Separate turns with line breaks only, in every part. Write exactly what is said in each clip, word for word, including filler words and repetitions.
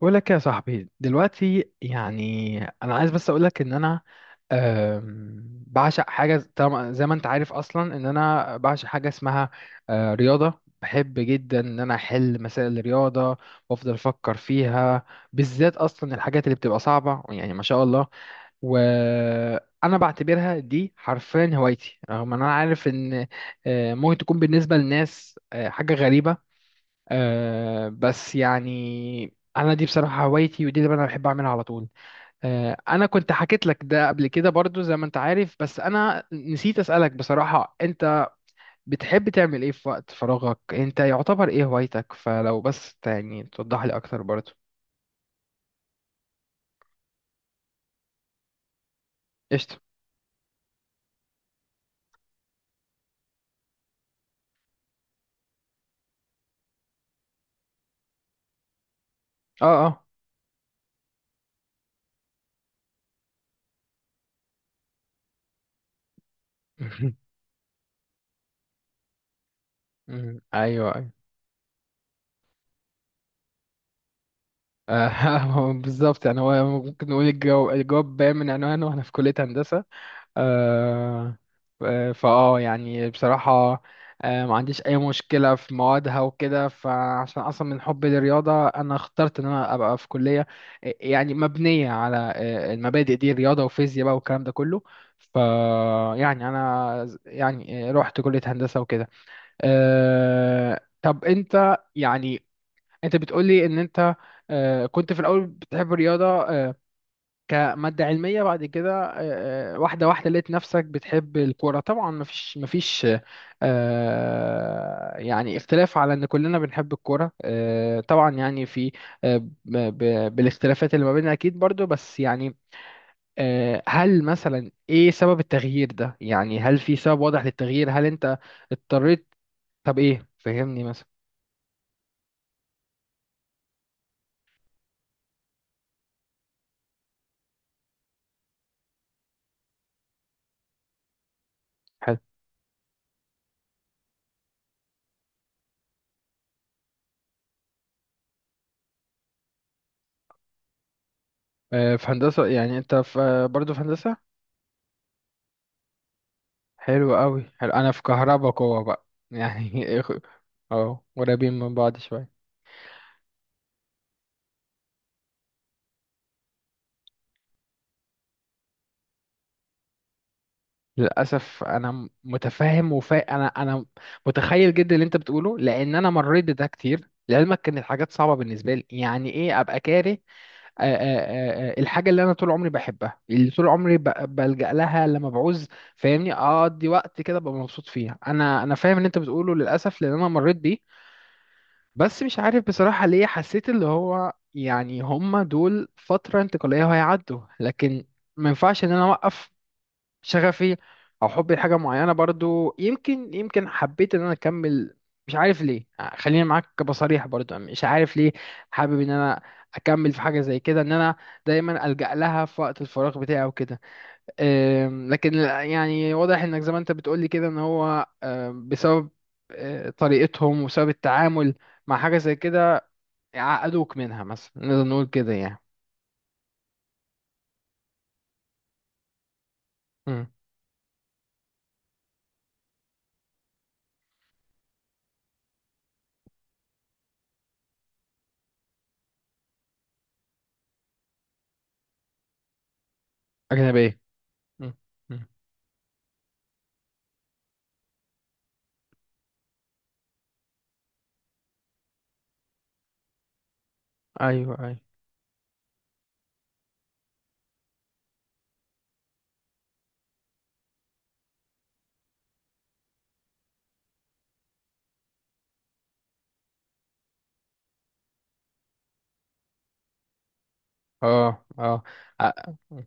بقول لك يا صاحبي دلوقتي، يعني انا عايز بس اقول لك ان انا أم، بعشق حاجه، ز- طبعا زي ما انت عارف اصلا ان انا بعشق حاجه اسمها آه، رياضه. بحب جدا ان انا احل مسائل الرياضه وافضل افكر فيها، بالذات اصلا الحاجات اللي بتبقى صعبه، يعني ما شاء الله. وانا بعتبرها دي حرفيا هوايتي، رغم ان انا عارف ان آه، ممكن تكون بالنسبه للناس آه، حاجه غريبه. آه بس يعني انا دي بصراحه هوايتي، ودي اللي انا بحب اعملها على طول. آه انا كنت حكيت لك ده قبل كده برضو، زي ما انت عارف، بس انا نسيت اسالك. بصراحه انت بتحب تعمل ايه في وقت فراغك؟ انت يعتبر ايه هوايتك؟ فلو بس ت- يعني توضح لي اكتر برضو. قشطه. اه، اه. مم، ايوه، ايوه. آه، هو بالظبط. يعني هو ممكن نقول، الجواب الجواب باين من عنوانه، واحنا في كليه هندسه. آه، آه، فاه يعني بصراحة، آه، ما عنديش أي مشكلة في موادها وكده، فعشان أصلا من حبي للرياضة أنا اخترت إن أنا أبقى في كلية آه، يعني مبنية على آه، المبادئ دي، رياضة وفيزياء بقى والكلام ده كله. ف يعني أنا ز- يعني آه، رحت كلية هندسة وكده. آه، طب أنت يعني، أنت بتقولي إن أنت آه، كنت في الأول بتحب الرياضة آه، كمادة علمية، بعد كده آه، آه، واحدة واحدة لقيت نفسك بتحب الكورة. طبعا مفيش مفيش آه، يعني اختلاف على ان كلنا بنحب الكورة، آه، طبعا يعني في آه، ب- ب- بالاختلافات اللي ما بيننا اكيد برضو، بس يعني آه، هل مثلا ايه سبب التغيير ده؟ يعني هل في سبب واضح للتغيير؟ هل انت اضطريت؟ طب ايه، فهمني مثلا. حلو. آه، في هندسة، يعني انت في برضو في هندسة؟ حلو قوي، حلو، انا في كهربا قوة بقى يعني. إخ- اه، قريبين من بعض شوية. للأسف أنا م- متفهم، وفا أنا أنا متخيل جدا اللي أنت بتقوله، لأن أنا مريت بده كتير لعلمك. كانت الحاجات صعبة بالنسبة لي، يعني إيه أبقى كاره آه، آه، آه، آه، الحاجة اللي أنا طول عمري بحبها، اللي طول عمري ب- بلجأ لها لما بعوز، فاهمني، أقضي وقت كده ببقى مبسوط فيها. أنا أنا فاهم اللي أنت بتقوله، للأسف، لأن أنا مريت بيه. بس مش عارف بصراحة ليه حسيت اللي هو يعني هما دول فترة انتقالية وهيعدوا، لكن ما ينفعش ان انا اوقف شغفي او حبي لحاجة معينة برضو. يمكن يمكن حبيت ان انا اكمل، مش عارف ليه. خليني معاك بصريح، برضو مش عارف ليه حابب ان انا اكمل في حاجة زي كده، ان انا دايما ألجأ لها في وقت الفراغ بتاعي وكده. أم، لكن يعني واضح انك زي ما انت بتقولي كده ان هو أم، بسبب أه، طريقتهم وسبب التعامل مع حاجة زي كده، يعقدوك منها مثلا، نقدر نقول كده يعني. مم. أجنبية. مم. مم. أيوه، أيوه. أه، أه. أ- مم.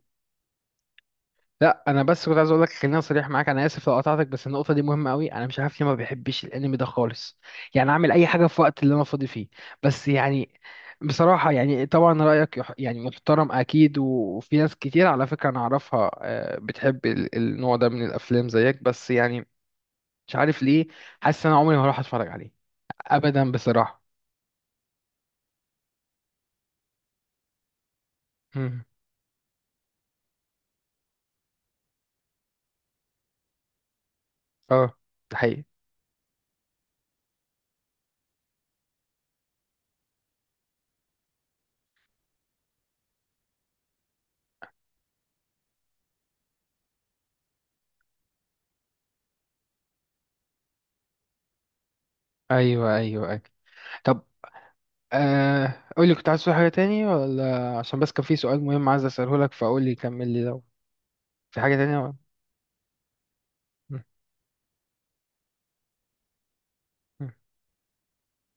لا، أنا بس كنت عايز أقول لك، خليني صريح معاك، أنا آسف لو قطعتك، بس النقطة دي مهمة أوي. أنا مش عارف ليه ما بحبش الأنمي ده خالص، يعني أعمل أي حاجة في وقت اللي أنا فاضي فيه بس، يعني بصراحة، يعني طبعا رأيك يح- يعني محترم أكيد، و- وفي ناس كتير على فكرة أنا أعرفها آه، بتحب ال- النوع ده من الأفلام زيك، بس يعني مش عارف ليه، حاسس إن أنا عمري ما هروح أتفرج عليه أبدا بصراحة. اه، ده حقيقي. ايوه، ايوه، ايوه. طب، آه قول لي، كنت عايز تقول حاجه تاني، ولا عشان بس كان في سؤال مهم عايز اساله لك، فقول لي، كمل لي لو في حاجه تانية ولا. مم، مم،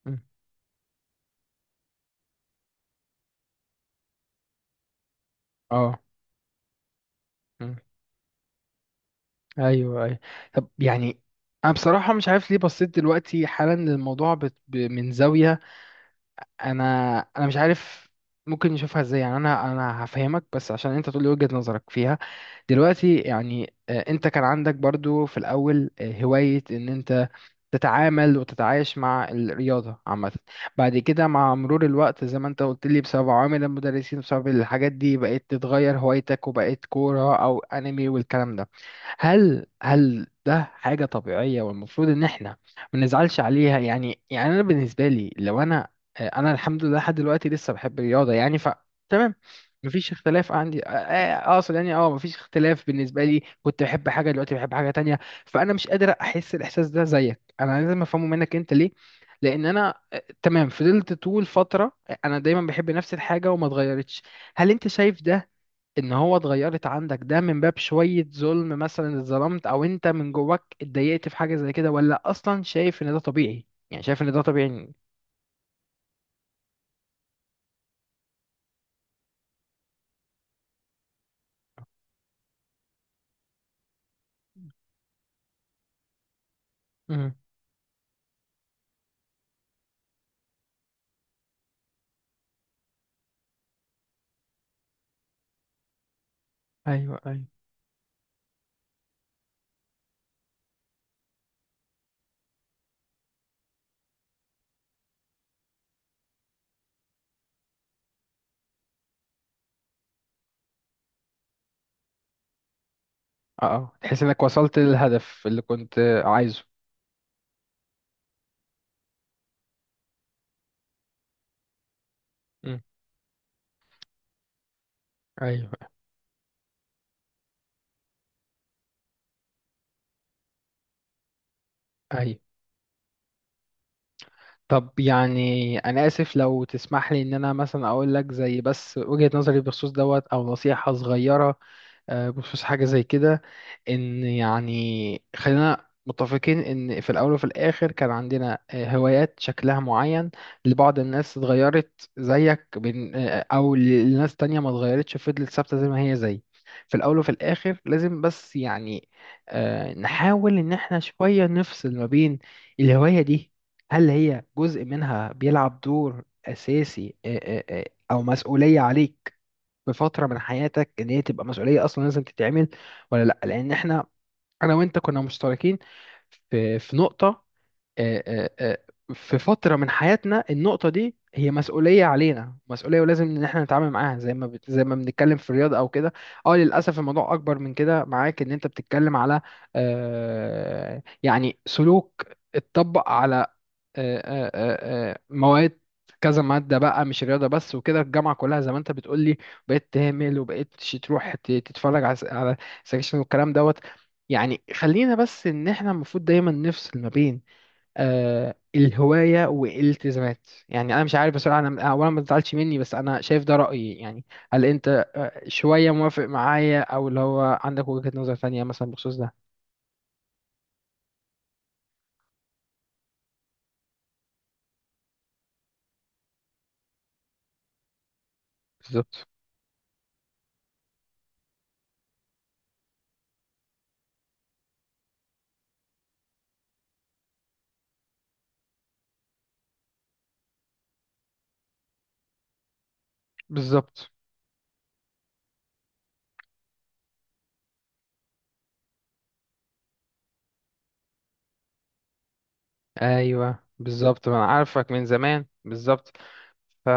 مم. اه. مم. ايوه، ايوه. طب يعني انا بصراحه مش عارف ليه بصيت دلوقتي حالا للموضوع بت... ب... من زاويه، انا انا مش عارف. ممكن نشوفها ازاي؟ يعني انا انا هفهمك بس عشان انت تقول لي وجهة نظرك فيها. دلوقتي يعني آه، انت كان عندك برضو في الاول آه، هواية ان انت تتعامل وتتعايش مع الرياضة عامة. بعد كده مع مرور الوقت، زي ما انت قلت لي، بسبب عوامل المدرسين، بسبب الحاجات دي، بقيت تتغير هوايتك وبقيت كورة او انمي والكلام ده. هل هل ده حاجة طبيعية والمفروض ان احنا ما نزعلش عليها يعني يعني انا بالنسبة لي لو انا آه، انا الحمد لله لحد دلوقتي لسه بحب الرياضة يعني، ف تمام، مفيش اختلاف عندي. آه، آه، اقصد يعني اه مفيش اختلاف بالنسبة لي، كنت بحب حاجة دلوقتي بحب حاجة تانية، فانا مش قادر احس الاحساس ده زيك، انا لازم افهمه منك انت ليه، لان انا آه، تمام، فضلت طول فترة آه، انا دايما بحب نفس الحاجة وما اتغيرتش. هل انت شايف ده ان هو اتغيرت عندك ده من باب شوية ظلم، مثلا اتظلمت او انت من جواك اتضايقت في حاجة زي كده، ولا اصلا شايف ان ده طبيعي؟ يعني شايف ان ده طبيعي؟ امم، ايوه، ايوه. اه، اه، تحس انك وصلت للهدف اللي كنت عايزه. امم، ايوه، ايوه. طب يعني انا اسف لو تسمح لي ان انا مثلا اقول لك زي بس وجهة نظري بخصوص دوت، او نصيحة صغيرة آه، بخصوص حاجة زي كده، إن يعني خلينا متفقين إن في الأول وفي الآخر كان عندنا آه، هوايات شكلها معين، لبعض الناس اتغيرت زيك من آه، أو لناس تانية ما اتغيرتش، فضلت ثابتة زي ما هي زي في الأول وفي الآخر. لازم بس يعني آه، نحاول إن احنا شوية نفصل ما بين الهواية دي، هل هي جزء منها بيلعب دور أساسي آه، آه، آه، أو مسؤولية عليك بفتره من حياتك، ان هي تبقى مسؤوليه اصلا لازم تتعمل ولا لا. لان احنا انا وانت كنا مشتركين في في نقطه، آه، آه، آه، في فتره من حياتنا، النقطه دي هي مسؤوليه علينا، مسؤوليه ولازم ان احنا نتعامل معاها زي ما بت... زي ما بنتكلم في الرياضه او كده. اه، للاسف الموضوع اكبر من كده معاك، ان انت بتتكلم على آه، يعني سلوك اتطبق على آه، آه، آه، آه، مواد، كذا مادة بقى مش رياضة بس وكده، الجامعة كلها زي ما انت بتقولي بقيت تهمل، وبقيت ش- تروح ت- تتفرج على س- على سكشن والكلام دوت. يعني خلينا بس ان احنا المفروض دايما نفصل ما بين آه الهواية والالتزامات، يعني انا مش عارف بصراحة، انا اولا ما تزعلش مني بس انا شايف ده رأيي يعني. هل انت آه، شوية موافق معايا او اللي هو عندك وجهة نظر تانية مثلا بخصوص ده؟ بالظبط، بالظبط، ايوه، بالظبط، ما انا عارفك من زمان، بالظبط. ف